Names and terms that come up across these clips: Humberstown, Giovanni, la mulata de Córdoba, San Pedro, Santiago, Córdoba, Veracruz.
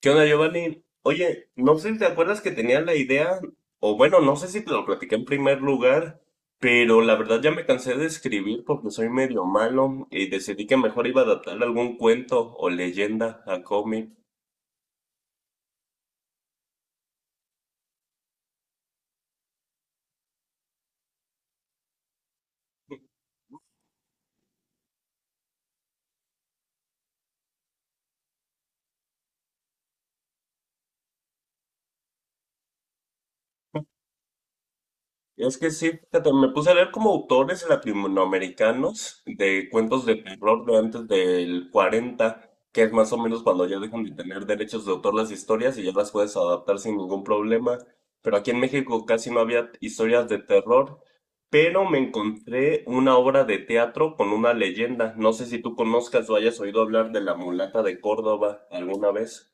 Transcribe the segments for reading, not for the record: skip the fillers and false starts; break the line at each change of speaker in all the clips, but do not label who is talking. ¿Qué onda, Giovanni? Oye, no sé si te acuerdas que tenía la idea, o bueno, no sé si te lo platiqué en primer lugar, pero la verdad ya me cansé de escribir porque soy medio malo y decidí que mejor iba a adaptar algún cuento o leyenda a cómic. Es que sí, fíjate, me puse a leer como autores latinoamericanos de cuentos de terror de antes del 40, que es más o menos cuando ya dejan de tener derechos de autor las historias y ya las puedes adaptar sin ningún problema. Pero aquí en México casi no había historias de terror, pero me encontré una obra de teatro con una leyenda. No sé si tú conozcas o hayas oído hablar de la mulata de Córdoba alguna vez.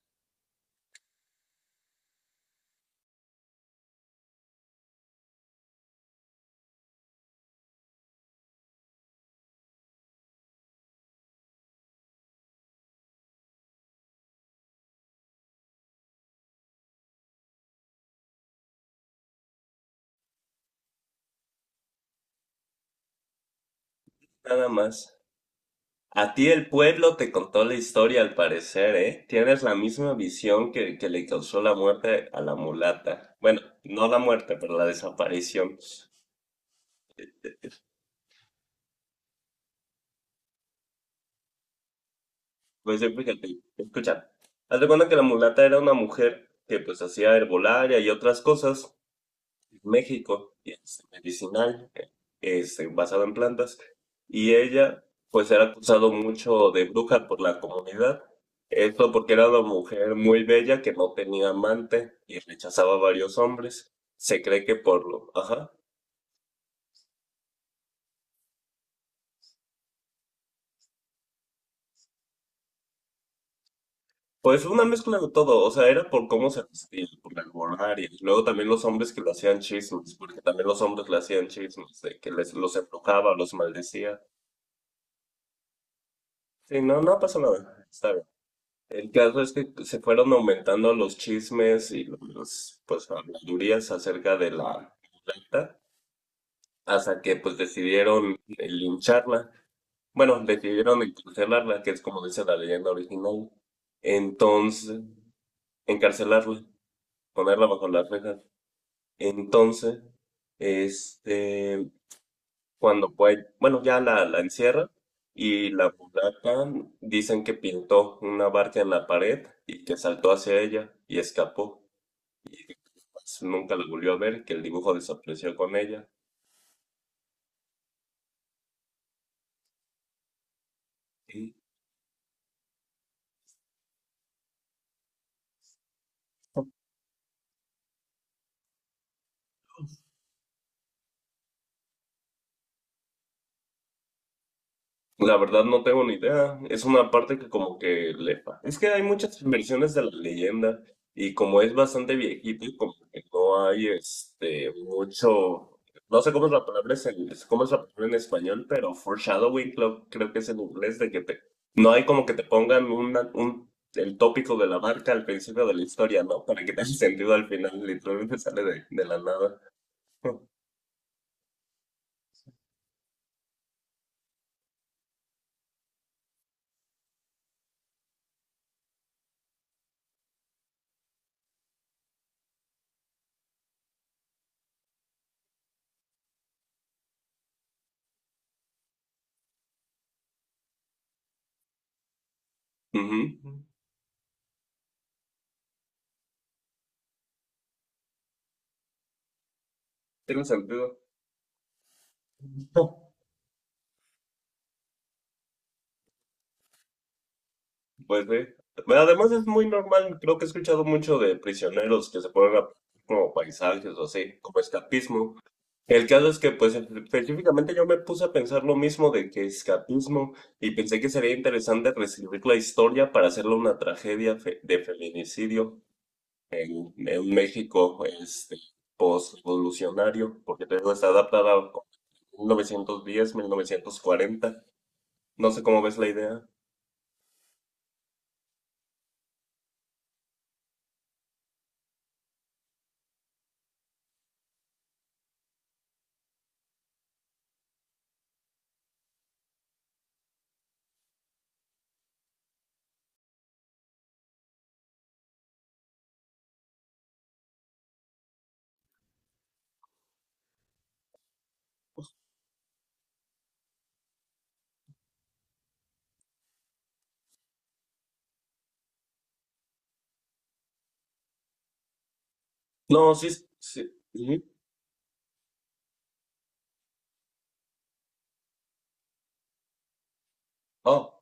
Nada más. A ti el pueblo te contó la historia al parecer, ¿eh? Tienes la misma visión que le causó la muerte a la mulata. Bueno, no la muerte, pero la desaparición. Pues sí, fíjate, escucha. Haz de cuenta que la mulata era una mujer que pues hacía herbolaria y otras cosas en México, y medicinal. Basado en plantas, y ella pues era acusado mucho de bruja por la comunidad. Esto porque era una mujer muy bella que no tenía amante y rechazaba a varios hombres. Se cree que por lo... Ajá. Pues una mezcla de todo, o sea, era por cómo se vestía, por el borrar, y luego también los hombres que le hacían chismes, porque también los hombres le hacían chismes, de que les, los embrujaba, los maldecía. Sí, no, no pasa nada, está bien. El caso es que se fueron aumentando los chismes y los, pues, habladurías acerca de la mulata hasta que, pues, decidieron lincharla. Bueno, decidieron encarcelarla, que es como dice la leyenda original. Entonces, encarcelarla, ponerla bajo las rejas. Entonces, este, cuando puede, bueno, ya la encierra y la mulata dicen que pintó una barca en la pared y que saltó hacia ella y escapó. Pues, nunca la volvió a ver, que el dibujo desapareció con ella. Y la verdad no tengo ni idea. Es una parte que como que le... Es que hay muchas versiones de la leyenda y como es bastante viejito y como que no hay mucho... No sé cómo es la palabra, cómo es la palabra en español, pero foreshadowing creo, creo que es en inglés de que te... No hay como que te pongan el tópico de la marca al principio de la historia, ¿no? Para que tenga sentido al final, literalmente sale de la nada. Ujú. Tiene sentido. No. Pues sí. Bueno, además es muy normal, creo que he escuchado mucho de prisioneros que se ponen a como paisajes o así, como escapismo. El caso es que, pues, específicamente yo me puse a pensar lo mismo de que escapismo y pensé que sería interesante reescribir la historia para hacerla una tragedia de feminicidio en un México, post-revolucionario, porque te digo, está adaptada a 1910, 1940. No sé cómo ves la idea. No, sí, sí. Ujú. Ah,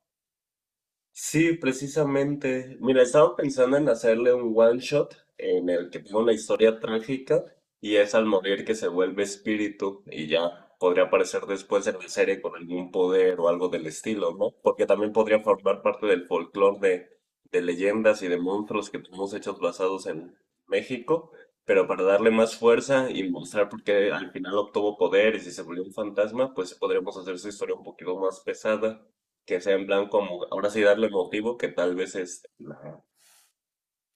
sí, precisamente. Mira, estaba pensando en hacerle un one shot en el que tenga una historia trágica y es al morir que se vuelve espíritu y ya podría aparecer después en la serie con algún poder o algo del estilo, ¿no? Porque también podría formar parte del folclore de leyendas y de monstruos que tenemos hechos basados en México, pero para darle más fuerza y mostrar por qué al final obtuvo poder y si se volvió un fantasma, pues podríamos hacer su historia un poquito más pesada que sea semblan como, ahora sí darle motivo que tal vez es la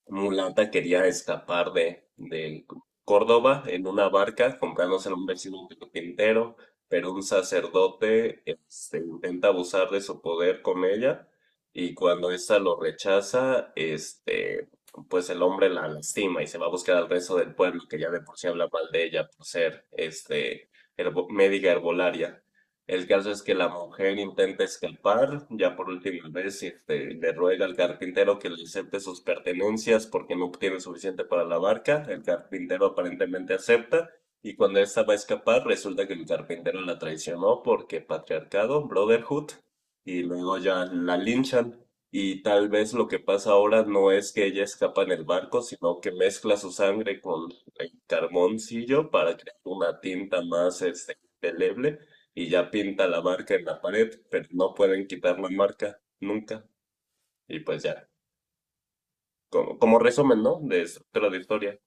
mulata quería escapar de Córdoba en una barca, comprándose a un vecino carpintero, pero un sacerdote intenta abusar de su poder con ella y cuando ésta lo rechaza, pues el hombre la lastima y se va a buscar al resto del pueblo que ya de por sí habla mal de ella por ser médica herbolaria. El caso es que la mujer intenta escapar, ya por última vez le ruega al carpintero que le acepte sus pertenencias porque no obtiene suficiente para la barca. El carpintero aparentemente acepta y cuando esta va a escapar resulta que el carpintero la traicionó porque patriarcado, brotherhood, y luego ya la linchan. Y tal vez lo que pasa ahora no es que ella escapa en el barco, sino que mezcla su sangre con el carboncillo para crear una tinta más indeleble y ya pinta la marca en la pared, pero no pueden quitar la marca nunca. Y pues ya, como, como resumen, ¿no? De estructura de historia.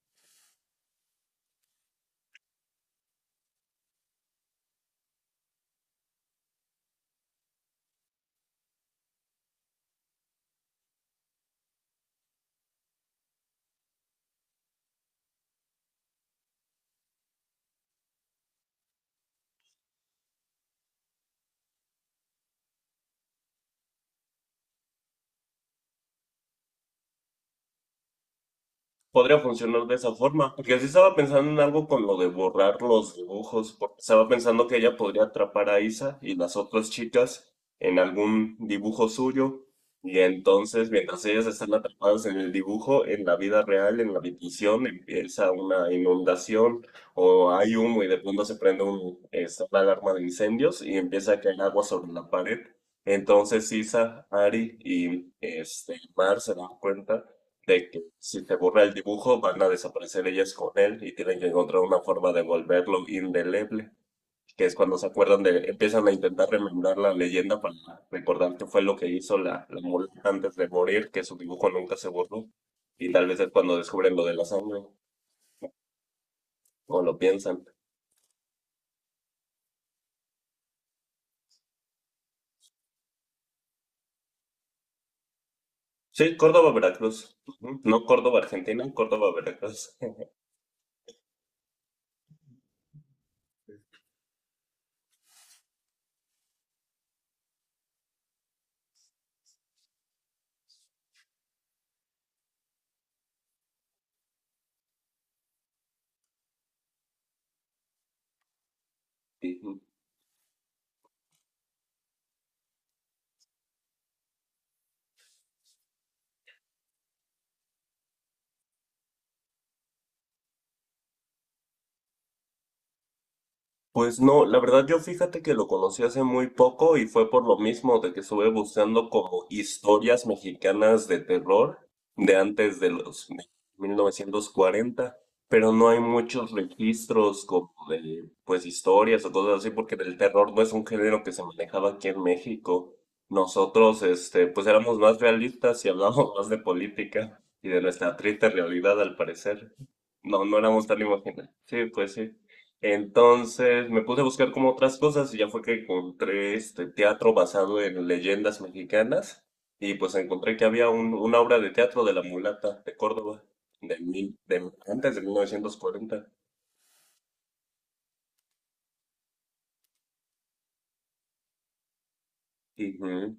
Podría funcionar de esa forma, porque así estaba pensando en algo con lo de borrar los dibujos, porque estaba pensando que ella podría atrapar a Isa y las otras chicas en algún dibujo suyo, y entonces mientras ellas están atrapadas en el dibujo, en la vida real, en la habitación, empieza una inundación o hay humo y de pronto se prende una alarma de incendios y empieza a caer agua sobre la pared. Entonces Isa, Ari y Mar se dan cuenta de que si se borra el dibujo van a desaparecer ellas con él y tienen que encontrar una forma de volverlo indeleble, que es cuando se acuerdan empiezan a intentar remembrar la leyenda para recordar qué fue lo que hizo la, la mula antes de morir, que su dibujo nunca se borró, y tal vez es cuando descubren lo de la sangre, o lo piensan. Sí, Córdoba, Veracruz. Ujú. No Córdoba, Argentina, Córdoba, Veracruz. Pues no, la verdad yo fíjate que lo conocí hace muy poco y fue por lo mismo de que estuve buscando como historias mexicanas de terror de antes de los 1940, pero no hay muchos registros como de pues historias o cosas así porque el terror no es un género que se manejaba aquí en México. Nosotros pues éramos más realistas y hablábamos más de política y de nuestra triste realidad al parecer. No, no éramos tan imaginativos. Sí, pues sí. Entonces me puse a buscar como otras cosas y ya fue que encontré este teatro basado en leyendas mexicanas y pues encontré que había una obra de teatro de La Mulata de Córdoba de, de antes de 1940. Ujú.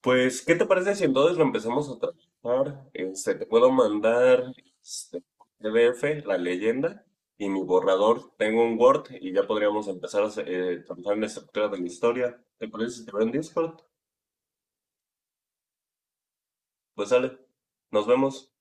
Pues, ¿qué te parece si entonces lo empezamos a trabajar? Te puedo mandar este PDF, la leyenda y mi borrador. Tengo un Word y ya podríamos empezar a trabajar en la estructura de la historia. ¿Te parece si te veo en Discord? Pues sale. Nos vemos.